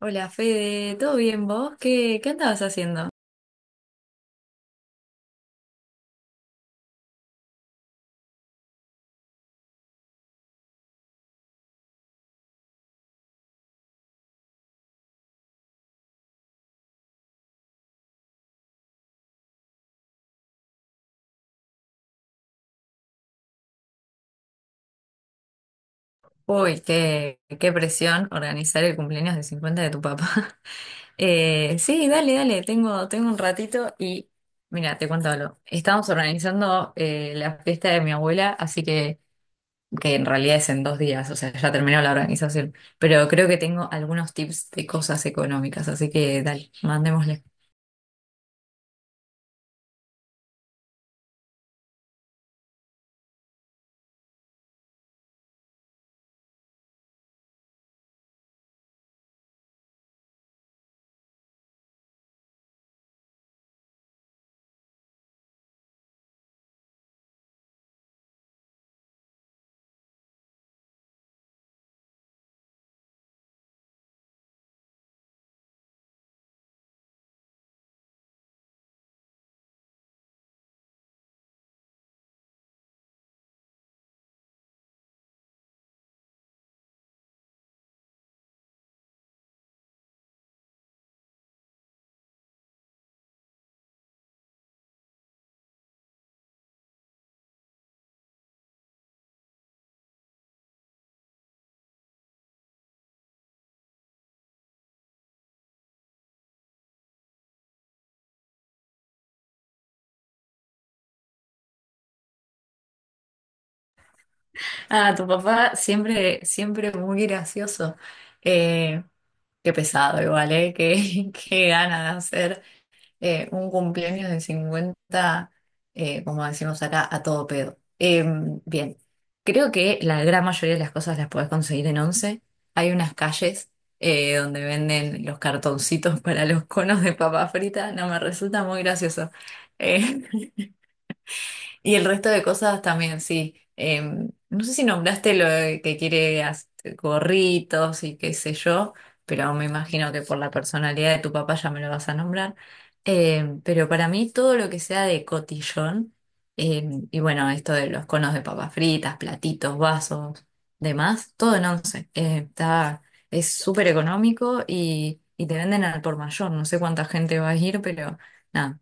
Hola Fede, ¿todo bien vos? ¿¿Qué andabas haciendo? Uy, qué presión organizar el cumpleaños de 50 de tu papá. Sí, dale, tengo un ratito y mira, te cuento algo. Estamos organizando la fiesta de mi abuela, así que en realidad es en dos días, o sea, ya terminó la organización, pero creo que tengo algunos tips de cosas económicas, así que dale, mandémosle. Ah, tu papá siempre muy gracioso. Eh, Qué pesado igual, ¿eh? Qué, qué gana de hacer un cumpleaños de 50, como decimos acá, a todo pedo. Bien, creo que la gran mayoría de las cosas las podés conseguir en Once. Hay unas calles donde venden los cartoncitos para los conos de papa frita. No me resulta muy gracioso. Eh, y el resto de cosas también, sí. No sé si nombraste lo de que quiere gorritos y qué sé yo, pero me imagino que por la personalidad de tu papá ya me lo vas a nombrar. Pero para mí todo lo que sea de cotillón, y bueno, esto de los conos de papas fritas, platitos, vasos, demás, todo en once. Está, es súper económico y te venden al por mayor. No sé cuánta gente va a ir, pero nada.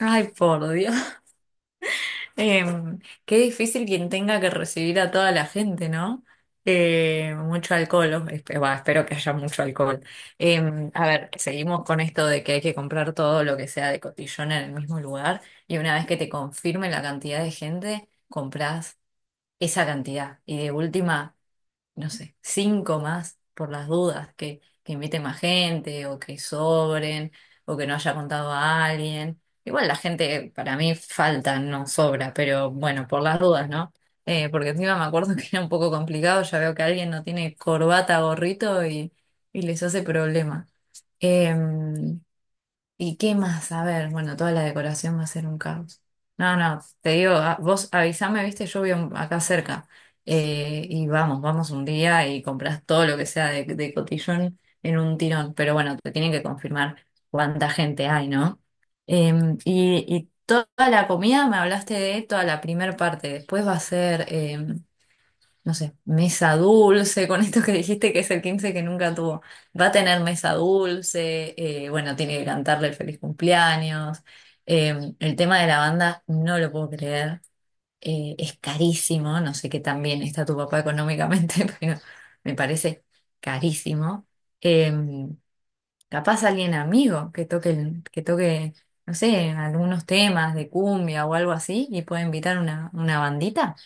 Ay, por Dios. Em, Qué difícil quien tenga que recibir a toda la gente, ¿no? Mucho alcohol, bah, espero que haya mucho alcohol. A ver, seguimos con esto de que hay que comprar todo lo que sea de cotillón en el mismo lugar y una vez que te confirme la cantidad de gente, compras esa cantidad. Y de última no sé, cinco más por las dudas, que invite más gente o que sobren o que no haya contado a alguien. Igual la gente para mí falta, no sobra, pero bueno, por las dudas, ¿no? Porque encima me acuerdo que era un poco complicado, ya veo que alguien no tiene corbata, gorrito y les hace problema. Eh, ¿Y qué más? A ver, bueno, toda la decoración va a ser un caos. No, no, te digo, vos avísame, viste, yo vivo acá cerca. Y vamos, vamos un día y compras todo lo que sea de cotillón en un tirón. Pero bueno, te tienen que confirmar cuánta gente hay, ¿no? Y, y toda la comida, me hablaste de toda la primer parte. Después va a ser. No sé, mesa dulce, con esto que dijiste que es el 15 que nunca tuvo. Va a tener mesa dulce, bueno, tiene que cantarle el feliz cumpleaños. El tema de la banda, no lo puedo creer. Es carísimo, no sé qué tan bien está tu papá económicamente, pero me parece carísimo. Eh, Capaz alguien amigo que toque, que toque, no sé, algunos temas de cumbia o algo así y puede invitar una bandita.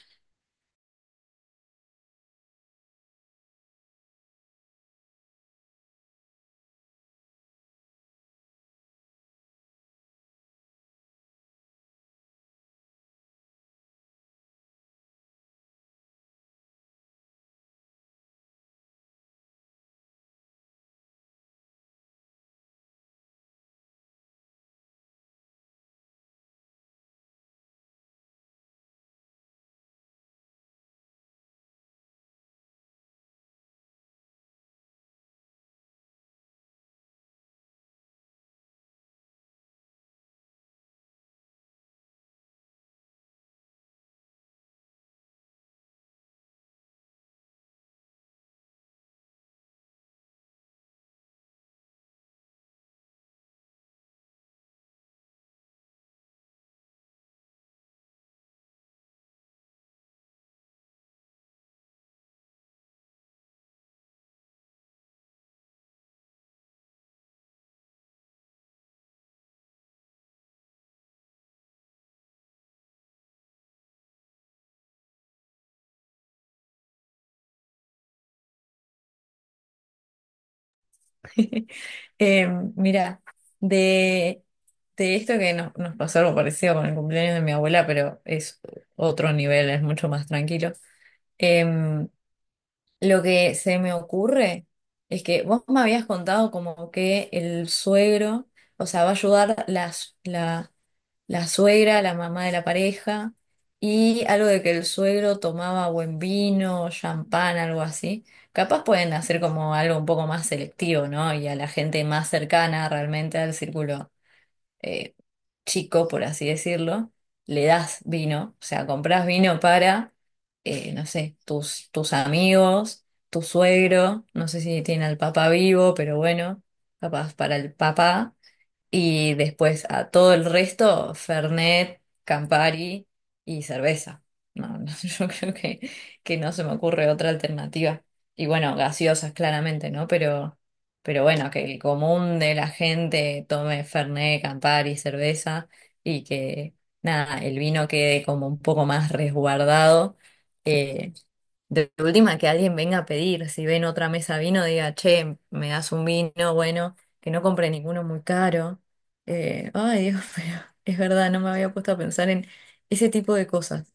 Eh, Mira, de, de esto que nos pasó algo parecido con el cumpleaños de mi abuela, pero es otro nivel, es mucho más tranquilo. Em, lo que se me ocurre es que vos me habías contado como que el suegro, o sea, va a ayudar las, la suegra, la mamá de la pareja, y algo de que el suegro tomaba buen vino, champán, algo así. Capaz pueden hacer como algo un poco más selectivo, ¿no? Y a la gente más cercana realmente al círculo eh, chico, por así decirlo, le das vino, o sea, compras vino para, no sé, tus amigos, tu suegro, no sé si tiene al papá vivo, pero bueno, capaz para el papá. Y después a todo el resto, Fernet, Campari y cerveza. No, no, yo creo que no se me ocurre otra alternativa. Y bueno, gaseosas claramente, ¿no? Pero bueno, que el común de la gente tome Fernet, Campari, cerveza y que nada, el vino quede como un poco más resguardado. eh, de última que alguien venga a pedir, si ven otra mesa vino, diga, che, me das un vino, bueno, que no compre ninguno muy caro. Ay, Dios, pero es verdad, no me había puesto a pensar en ese tipo de cosas.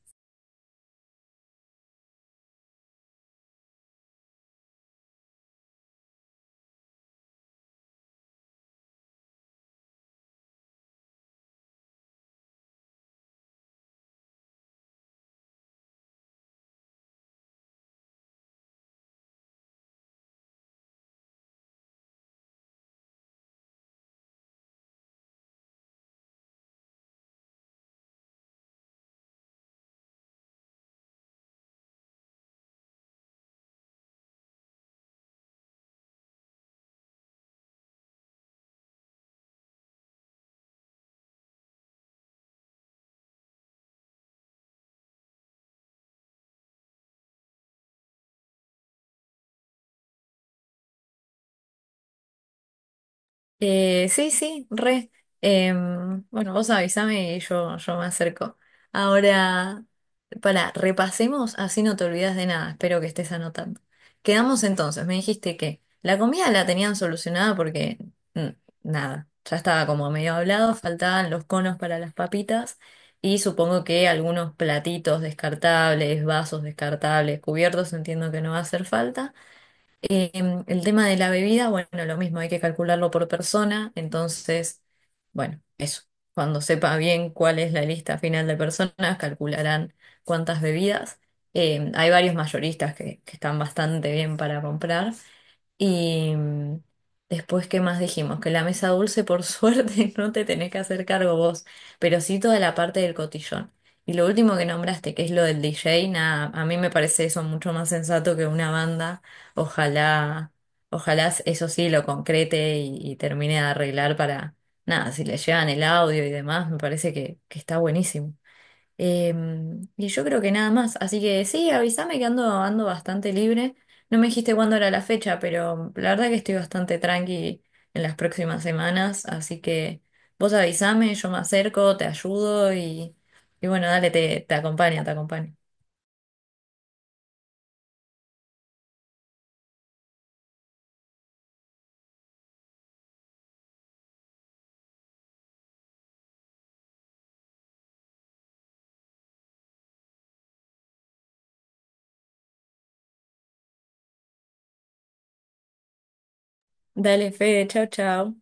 Sí, sí, re. Bueno, vos avísame y yo me acerco. Ahora, para, repasemos, así no te olvidas de nada. Espero que estés anotando. Quedamos entonces, me dijiste que la comida la tenían solucionada porque mm, nada, ya estaba como medio hablado, faltaban los conos para las papitas y supongo que algunos platitos descartables, vasos descartables, cubiertos, entiendo que no va a hacer falta. El tema de la bebida, bueno, lo mismo, hay que calcularlo por persona, entonces, bueno, eso. Cuando sepa bien cuál es la lista final de personas, calcularán cuántas bebidas. Hay varios mayoristas que están bastante bien para comprar. Y mm, después, ¿qué más dijimos? Que la mesa dulce, por suerte, no te tenés que hacer cargo vos, pero sí toda la parte del cotillón. Y lo último que nombraste, que es lo del DJ, nada, a mí me parece eso mucho más sensato que una banda. Ojalá, ojalá eso sí lo concrete y termine de arreglar para, nada, si le llegan el audio y demás, me parece que está buenísimo. Eh, y yo creo que nada más, así que sí, avísame que ando, ando bastante libre. No me dijiste cuándo era la fecha, pero la verdad que estoy bastante tranqui en las próximas semanas, así que vos avísame, yo me acerco, te ayudo y bueno, dale, te acompaño, te acompaño. Dale, Fede, chau, chau.